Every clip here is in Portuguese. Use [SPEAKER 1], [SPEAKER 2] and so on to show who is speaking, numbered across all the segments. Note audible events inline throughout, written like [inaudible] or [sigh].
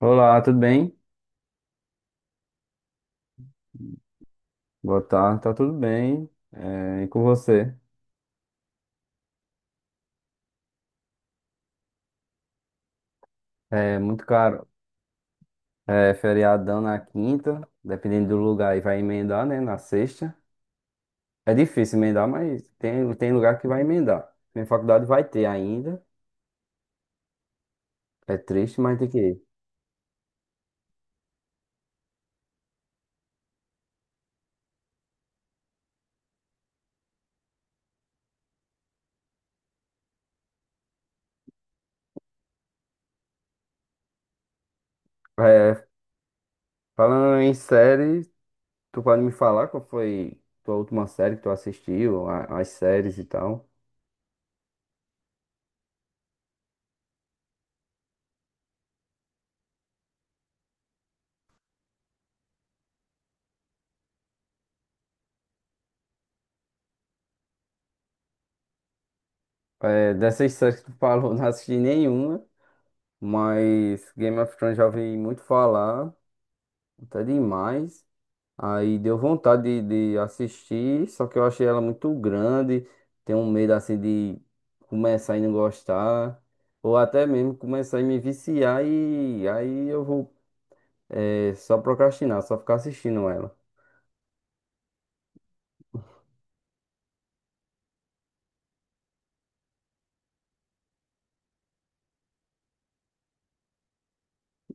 [SPEAKER 1] Olá, tudo bem? Boa tarde, tá tudo bem. E com você? É muito caro. É feriadão na quinta, dependendo do lugar, aí vai emendar, né? Na sexta. É difícil emendar, mas tem lugar que vai emendar. Minha faculdade vai ter ainda. É triste, mas tem que ir. É, falando em série, tu pode me falar qual foi tua última série que tu assistiu, as séries e tal? É, dessas séries que tu falou, [laughs] não assisti nenhuma, mas Game of Thrones já ouvi muito falar. Até demais. Aí deu vontade de assistir, só que eu achei ela muito grande. Tenho um medo assim de começar e não gostar. Ou até mesmo começar e me viciar e aí eu vou só procrastinar, só ficar assistindo ela.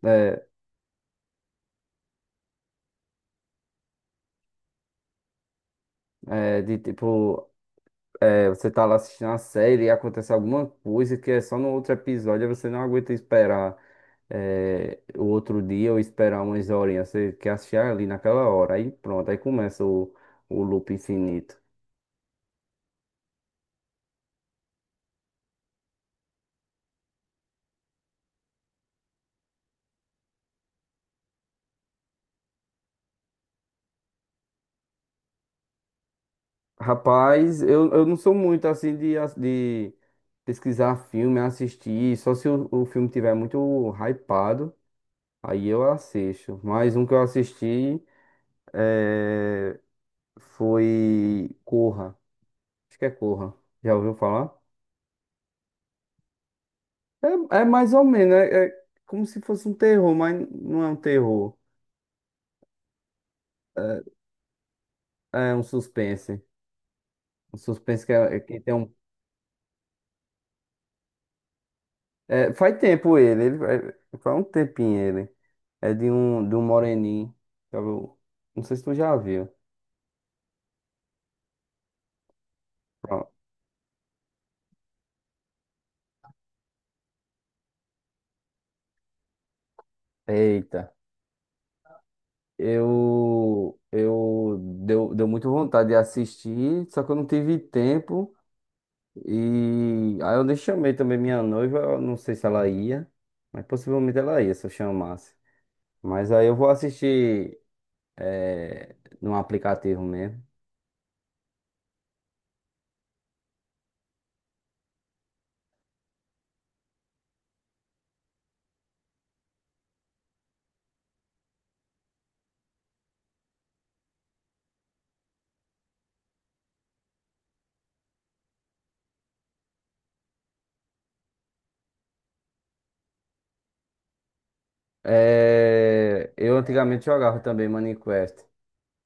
[SPEAKER 1] É, é de tipo. É, você tá lá assistindo a série e acontece alguma coisa que é só no outro episódio, aí você não aguenta esperar o outro dia ou esperar umas horinhas. Você quer assistir ali naquela hora. Aí pronto, aí começa o loop infinito. Rapaz, eu não sou muito assim de, de pesquisar filme, assistir, só se o filme tiver muito hypado, aí eu assisto. Mas um que eu assisti é, foi Corra. Acho que é Corra. Já ouviu falar? É, é mais ou menos, é como se fosse um terror, mas não é um terror. É, é um suspense. Um suspense que, é que tem um. Faz tempo ele faz um tempinho ele. É de um moreninho. Sabe? Não sei se tu já viu. Pronto. Eita. Eu deu muito vontade de assistir, só que eu não tive tempo. E aí eu nem chamei também minha noiva, eu não sei se ela ia, mas possivelmente ela ia se eu chamasse. Mas aí eu vou assistir é, num aplicativo mesmo. É, eu antigamente jogava também Minecraft.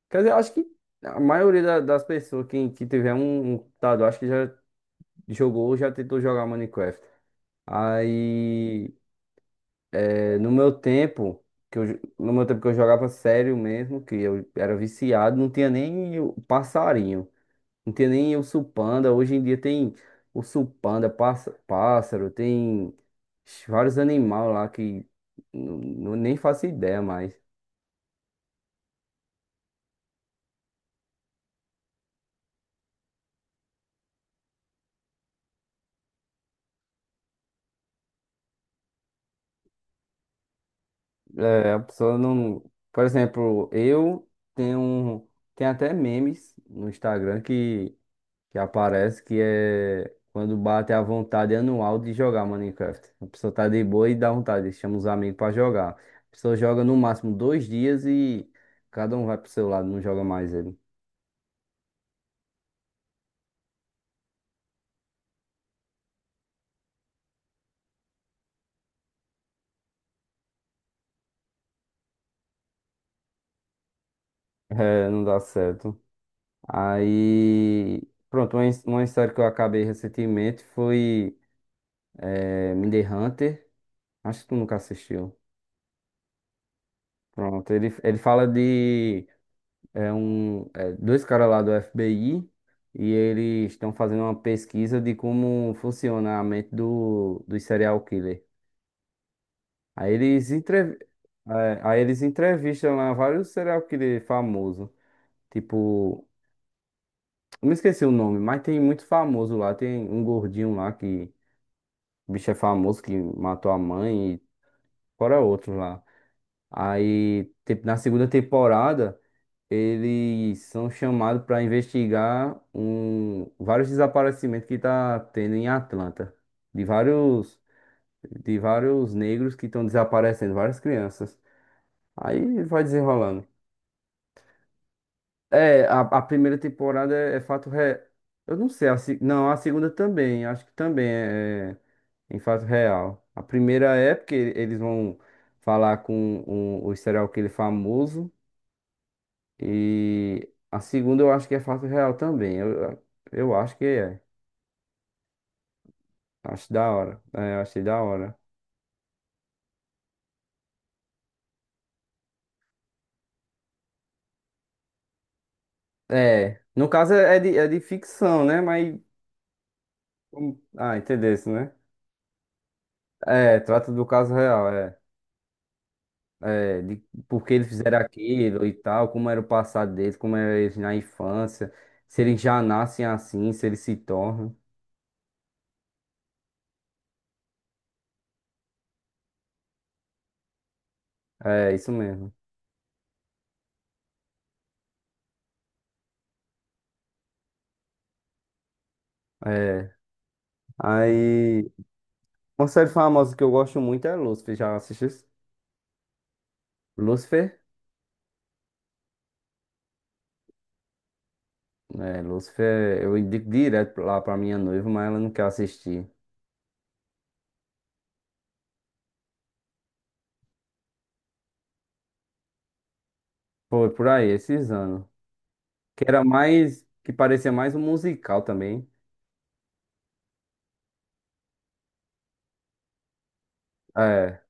[SPEAKER 1] Quer dizer, acho que a maioria das pessoas que tiver um, um computador, acho que já jogou ou já tentou jogar Minecraft. Aí, no meu tempo, que eu, no meu tempo que eu jogava sério mesmo, que eu era viciado, não tinha nem o passarinho. Não tem nem urso panda. Hoje em dia tem urso panda, pássaro, tem vários animais lá que nem faço ideia mais. É, a pessoa não. Por exemplo, eu tenho um. Tem até memes no Instagram que aparece que é quando bate a vontade anual de jogar Minecraft. A pessoa tá de boa e dá vontade, chama os amigos pra jogar. A pessoa joga no máximo dois dias e cada um vai pro seu lado, não joga mais ele. É, não dá certo. Aí, pronto, uma, uma história que eu acabei recentemente foi Mindhunter. Hunter. Acho que tu nunca assistiu. Pronto, ele fala de dois caras lá do FBI e eles estão fazendo uma pesquisa de como funciona a mente do, dos serial killer. Aí eles, entrev é, aí eles entrevistam lá vários serial killer famosos, tipo. Não me esqueci o nome, mas tem muito famoso lá. Tem um gordinho lá que o bicho é famoso que matou a mãe e fora outros lá. Aí, na segunda temporada, eles são chamados para investigar um, vários desaparecimentos que tá tendo em Atlanta. De vários, de vários negros que estão desaparecendo, várias crianças. Aí vai desenrolando. É, a primeira temporada é, é fato real. Eu não sei, a, se- não, a segunda também, acho que também é em fato real. A primeira é porque eles vão falar com o serial killer famoso. E a segunda eu acho que é fato real também. Eu acho que é. Acho da hora. É, eu achei da hora. É. No caso é é de ficção, né? Mas. Ah, entendeu isso, né? É, trata do caso real, é. É, de por que eles fizeram aquilo e tal, como era o passado deles, como eram eles na infância, se eles já nascem assim, se eles se tornam. É, isso mesmo. É. Aí, uma série famosa que eu gosto muito é Lucifer. Já assistiu? Lucifer? É, Lucifer, eu indico direto lá pra minha noiva, mas ela não quer assistir. Foi por aí, esses anos. Que era mais, que parecia mais um musical também. É.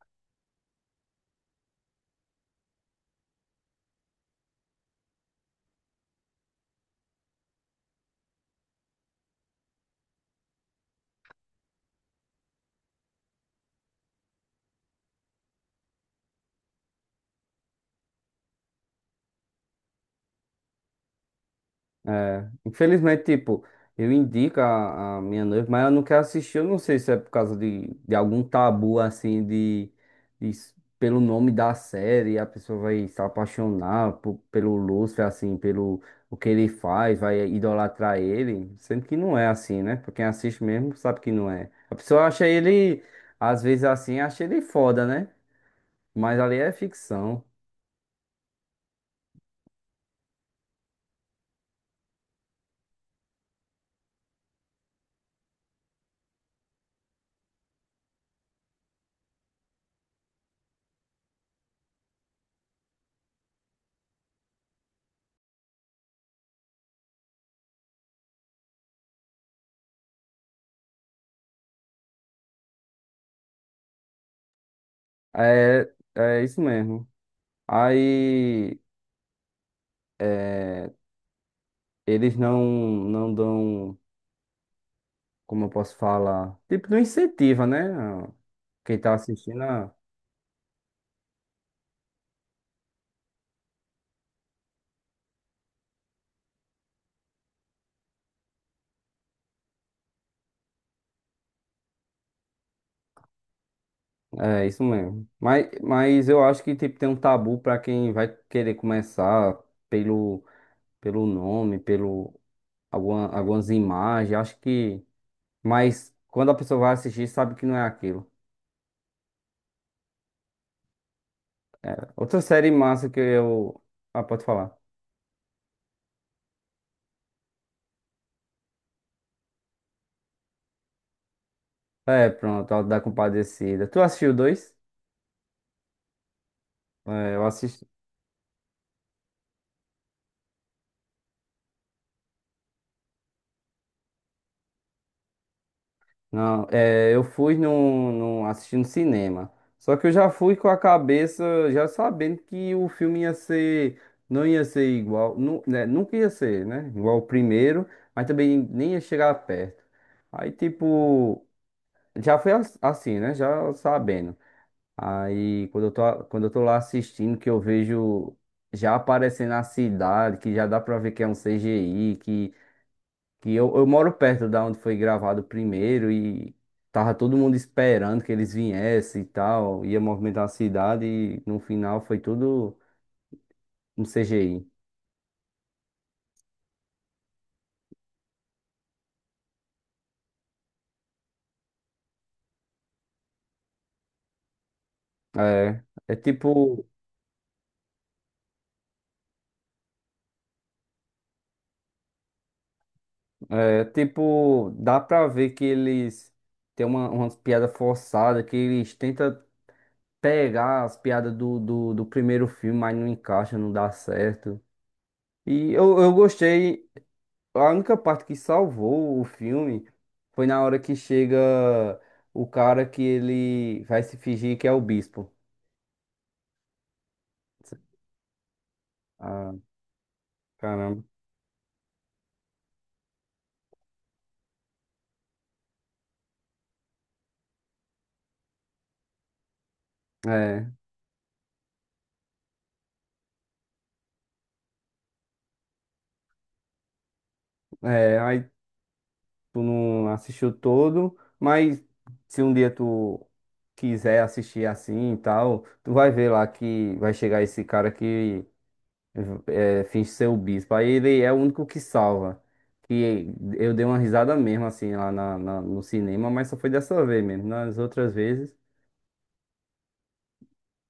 [SPEAKER 1] É, infelizmente, tipo, eu indico a minha noiva, mas ela não quer assistir. Eu não sei se é por causa de algum tabu, assim, de, pelo nome da série, a pessoa vai se apaixonar pelo Lúcifer, assim, pelo o que ele faz, vai idolatrar ele, sendo que não é assim, né? Pra quem assiste mesmo sabe que não é. A pessoa acha ele, às vezes assim, acha ele foda, né? Mas ali é ficção. É, é isso mesmo. Aí. é, eles não dão, como eu posso falar, tipo, não incentiva, né? Quem tá assistindo, é isso mesmo. Mas eu acho que tipo, tem um tabu pra quem vai querer começar pelo, pelo nome, pelo algumas imagens. Acho que. Mas quando a pessoa vai assistir, sabe que não é aquilo. Outra série massa que eu. Ah, pode falar. É, pronto, a da Compadecida. Tu assistiu dois? É, eu assisti. Não, é, eu fui assistindo cinema. Só que eu já fui com a cabeça, já sabendo que o filme ia ser, não ia ser igual, né, nunca ia ser, né? Igual o primeiro, mas também nem ia chegar perto. Aí, tipo, já foi assim, né? Já sabendo. Aí, quando eu tô lá assistindo, que eu vejo já aparecendo a cidade, que já dá pra ver que é um CGI, que eu moro perto da onde foi gravado o primeiro e tava todo mundo esperando que eles viessem e tal, ia movimentar a cidade e no final foi tudo um CGI. É, é tipo, é tipo, dá pra ver que eles têm uma, umas piadas forçadas, que eles tentam pegar as piadas do primeiro filme, mas não encaixa, não dá certo. E eu gostei. A única parte que salvou o filme foi na hora que chega o cara que ele vai se fingir que é o bispo. Ah, caramba. É, aí tu não assistiu todo, mas se um dia tu quiser assistir assim e tal, tu vai ver lá que vai chegar esse cara que finge ser o bispo. Aí ele é o único que salva. Que eu dei uma risada mesmo assim lá no cinema, mas só foi dessa vez mesmo. Nas outras vezes.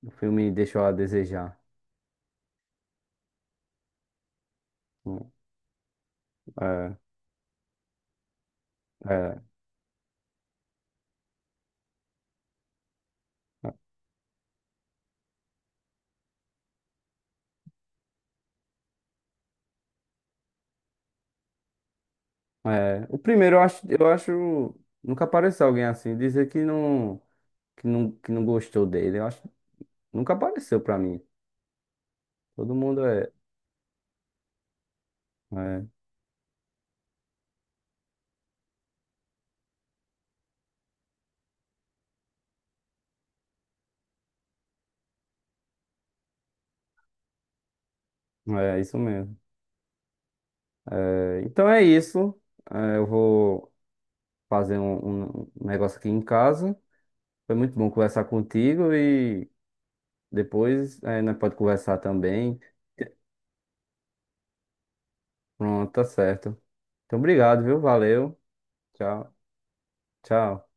[SPEAKER 1] O filme deixou a desejar. Hum. É, é, é. O primeiro eu acho nunca apareceu alguém assim dizer que não gostou dele. Eu acho nunca apareceu pra mim. Todo mundo é, é isso mesmo. É, então é isso. É, eu vou fazer um, um negócio aqui em casa. Foi muito bom conversar contigo e depois é, nós pode conversar também. Pronto, tá certo. Então obrigado, viu? Valeu. Tchau, tchau.